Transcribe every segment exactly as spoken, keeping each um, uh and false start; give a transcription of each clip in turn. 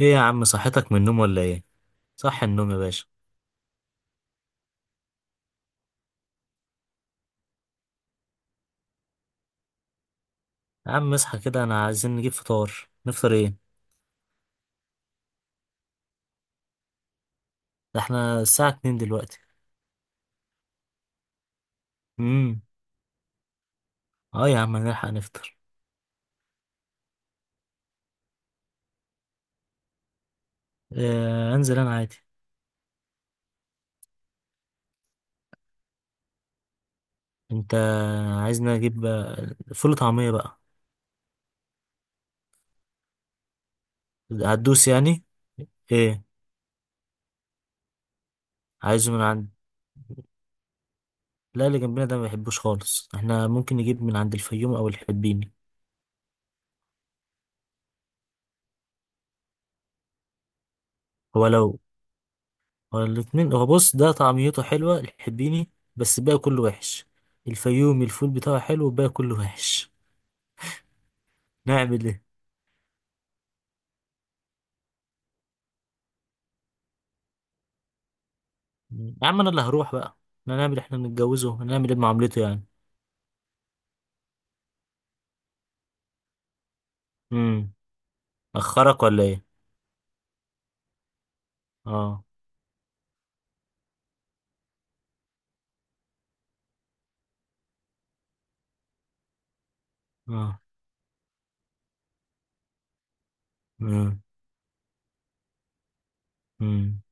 ايه يا عم، صحتك من النوم ولا ايه؟ صح النوم يا باشا. يا عم اصحى كده، انا عايزين نجيب فطار. نفطر ايه؟ ده احنا الساعة اتنين دلوقتي. امم. اه يا عم هنلحق نفطر. آه، انزل انا عادي. انت عايزنا نجيب آه، فول وطعمية بقى. هتدوس يعني؟ ايه؟ عايزه من عند. لا اللي جنبنا ده ما بيحبوش خالص، احنا ممكن نجيب من عند الفيوم او الحبيني. هو لو هو الاتنين، هو بص ده طعميته حلوة الحبيني بس الباقي كله وحش. الفيومي الفول بتاعه حلو والباقي كله وحش. نعمل ايه؟ يا عم انا اللي هروح بقى، احنا نعمل، احنا بنتجوزه هنعمل ايه بمعاملته يعني. امم. اخرك ولا ايه؟ اه. اه. امم. امم.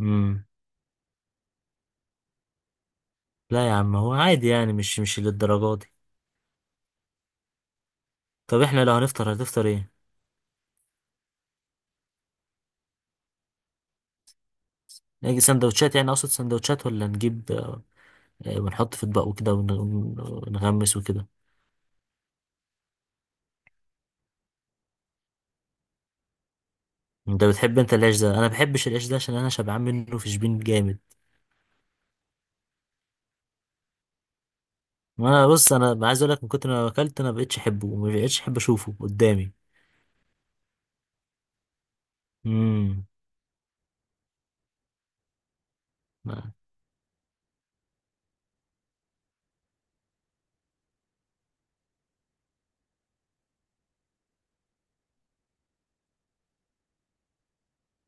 امم. لا يا عم هو عادي يعني، مش مش للدرجه دي. طب احنا لو هنفطر هتفطر ايه؟ نجي سندوتشات يعني، اقصد سندوتشات ولا نجيب آه، ونحط في اطباق وكده ون- ون- ونغمس وكده. انت بتحب انت العيش ده؟ انا ما بحبش العيش ده عشان انا شبعان منه في شبين جامد. وانا بص انا عايز اقول لك، من كتر ما اكلت انا ما بقتش احبه، وما بقتش احب اشوفه قدامي. امم.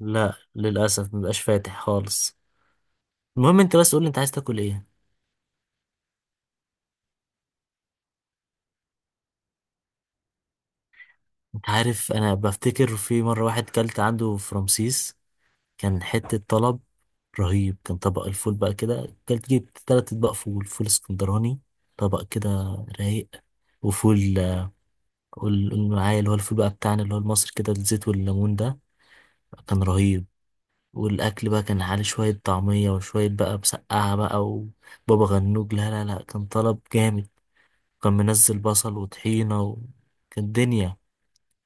لا للأسف مبقاش فاتح خالص. المهم انت بس قولي انت عايز تاكل ايه. انت عارف انا بفتكر في مرة واحد كلت عنده في رمسيس. كان حتة طلب رهيب. كان طبق الفول بقى كده، كلت جبت تلات اطباق فول، فول اسكندراني. طبق كده رايق. وفول آه، قول قول معايا اللي هو الفول بقى بتاعنا، اللي هو المصري كده، الزيت والليمون ده. كان رهيب. والاكل بقى كان عليه شوية طعمية وشوية بقى مسقعة بقى وبابا غنوج، لا لا لا كان طلب جامد. كان منزل بصل وطحينة و... كانت دنيا.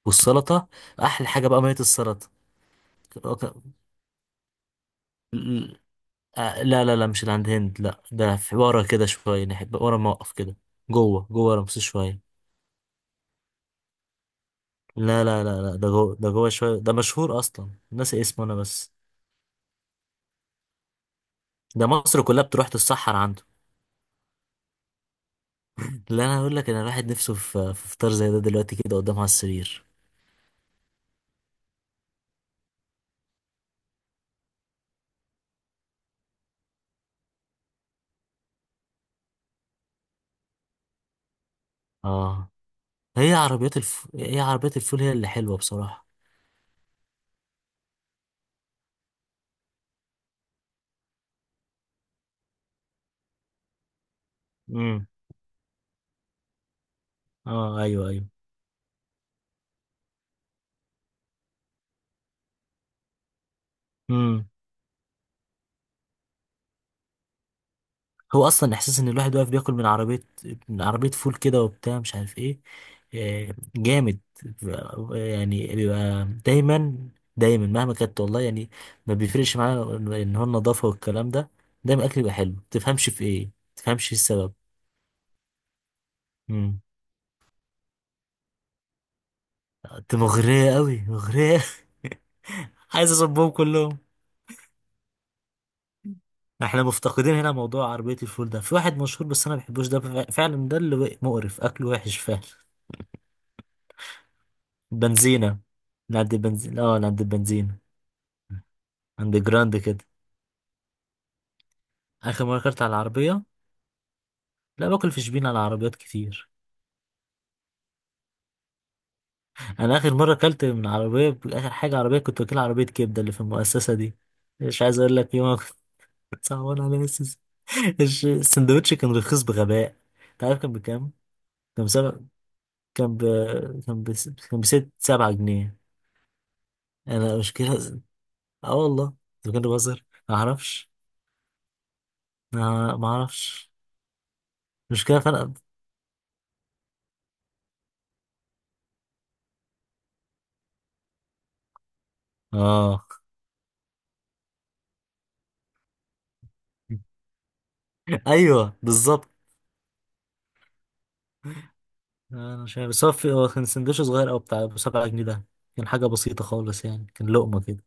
والسلطة. أحلى حاجة بقى مية السلطة. ك- ك- ال- آه، لا لا لا مش اللي عند هند، لا ده في ورا كده شوية نحب ورا موقف كده. جوه جوه رمسيس شوية. لا لا لا لا، ده جوه، ده جوه شوية، ده مشهور أصلا ناسي اسمه أنا بس. ده مصر كلها بتروح تتسحر عنده. لا أنا أقول لك، أنا الواحد نفسه في في فطار زي ده دلوقتي كده قدام على السرير. آه. هي عربيات الف... هي عربيات الفول هي اللي حلوة بصراحة. امم. اه ايوه ايوه. امم. هو اصلا احساس ان الواحد واقف بياكل من عربيه، من عربيه فول كده وبتاع مش عارف ايه. آه، جامد. بيبقى- يعني بيبقى دايما، دايما مهما كانت والله يعني. ما بيفرقش معانا ان هو النظافه والكلام ده، دايما الاكل يبقى حلو. تفهمش في ايه؟ تفهمش إيه السبب؟ امم. انت مغريه قوي مغريه. عايز اصبهم كلهم. احنا مفتقدين هنا موضوع عربيه الفول ده، في واحد مشهور بس انا ما بحبوش ده فعلا، ده اللي مقرف اكله وحش فعلا. بنزينة. نعدي بنزين، اه نعدي بنزينة. عند جراند كده. آخر مرة أكلت على العربية. لا باكل في شبين على عربيات كتير. أنا آخر مرة أكلت من عربية، آخر حاجة عربية كنت واكلها عربية كبدة اللي في المؤسسة دي. مش عايز أقول لك يوم أنا كنت صعبان على نفسي. الش- السندوتش كان رخيص بغباء. أنت عارف كان بكام؟ كان بسبع. كان ب... كان ب... كان بست سبعة جنيه. أنا مش كده. اه والله. أنت كنت بهزر ما أعرفش. ما ما أعرفش. مش كده فرق. اه ايوه بالظبط. انا مش عارف، بس هو في- هو كان سندوتش صغير او بتاع ابو سبعة جنيه ده. كان حاجه بسيطه خالص يعني، كان لقمه كده.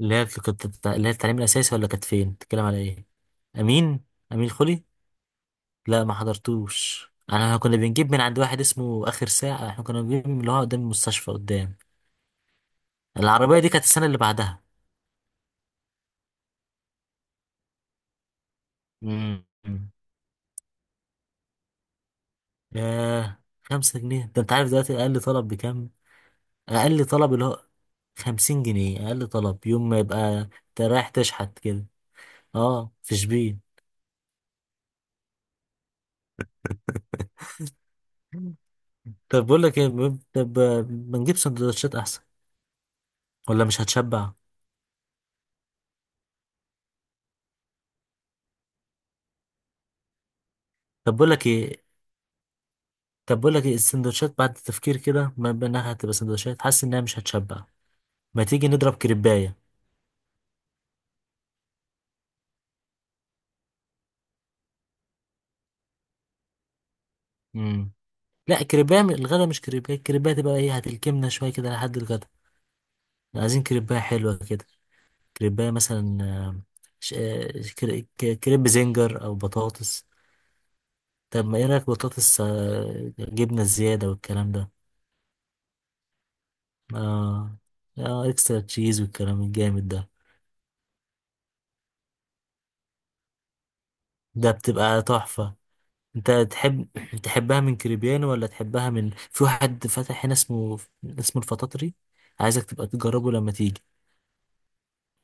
اللي هي كنت بتاع- اللي هي التعليم الاساسي ولا كانت فين، بتتكلم على ايه؟ امين. امين خلي. لا ما حضرتوش. انا كنا بنجيب من عند واحد اسمه اخر ساعه، احنا كنا بنجيب من اللي هو قدام المستشفى قدام. العربيه دي كانت السنه اللي بعدها. امم. ياه خمسة جنيه، ده انت عارف دلوقتي اقل طلب بكام؟ اقل طلب اللي هو خمسين جنيه، اقل طلب يوم ما يبقى. انت رايح تشحت كده. اه، في شبين. طب بقول لك ايه ب- طب ما نجيب سندوتشات احسن، ولا مش هتشبع. طب بقول لك ايه. طب بقول لك ايه، السندوتشات بعد التفكير كده ما بينها هتبقى سندوتشات، حاسس انها مش هتشبع. ما تيجي نضرب كريبايه. امم. لا كريبايه، م- الغدا مش كريبايه، الكريبايه تبقى ايه، هتلكمنا شويه كده لحد الغدا. عايزين كريبايه حلوه كده. كريبايه مثلا آه، ش- آه، كر- ك- كريب زنجر او بطاطس. طب ما ايه رايك، بطاطس آه، جبنه زياده والكلام ده. اه اه، اكسترا تشيز والكلام الجامد ده. ده بتبقى تحفة. انت تحب تحبها من كريبيان ولا تحبها من في واحد فتح هنا، اسمه اسمه الفطاطري. عايزك تبقى تجربه لما تيجي.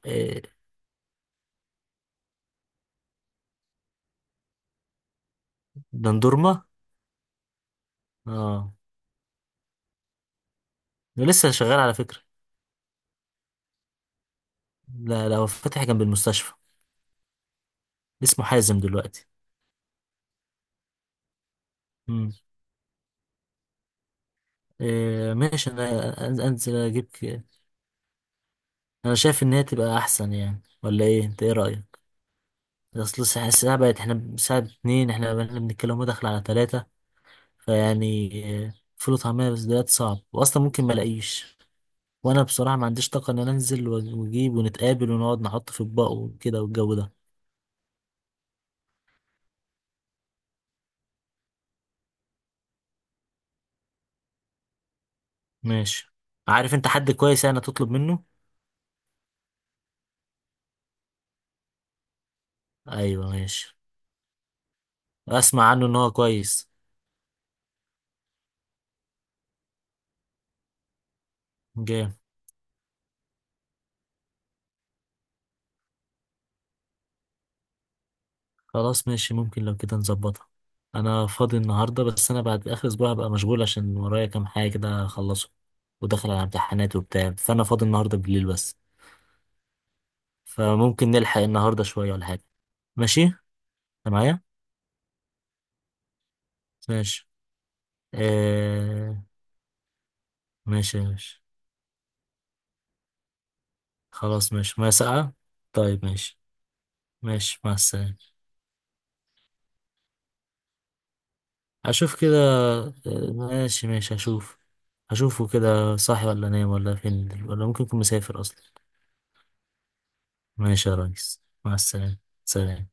إيه... دندورما. اه، ده لسه شغال على فكرة. لا لا، هو فاتح جنب المستشفى، اسمه حازم دلوقتي. مم. إيه... ماشي، انا أن- انزل اجيب ك- انا شايف ان هي تبقى احسن يعني، ولا ايه انت ايه رأيك؟ اصل الس- الساعة بقت، احنا بساعة اتنين احنا بقينا بنتكلم هو داخل على تلاتة. فيعني آه، فول وطعمية بس دلوقتي صعب، واصلا ممكن ما الاقيش. وانا بصراحة ما عنديش طاقة ان انا انزل وأج- واجيب ونتقابل ونقعد نحط في اطباق وكده والجو ده. ماشي. عارف انت حد كويس يعني تطلب منه؟ ايوه ماشي. اسمع عنه ان هو كويس. جامد. خلاص ماشي، ممكن لو كده نظبطها. انا فاضي النهاردة، بس انا بعد اخر اسبوع هبقى مشغول عشان ورايا كام حاجة كده اخلصه، وداخل على امتحانات وبتاع، فانا فاضي النهاردة بالليل بس. فممكن نلحق النهاردة شوية ولا حاجة. ماشي انت معايا. ماشي. آه... ماشي ماشي. خلاص ماشي، ما ساعة. طيب ماشي. ماشي مع السلامة. أشوف كده. آه، ماشي ماشي أشوف. أشوفه كده صاحي ولا نايم ولا فين، ولا ممكن يكون مسافر أصلا. ماشي يا ريس، مع السلامة. سلام.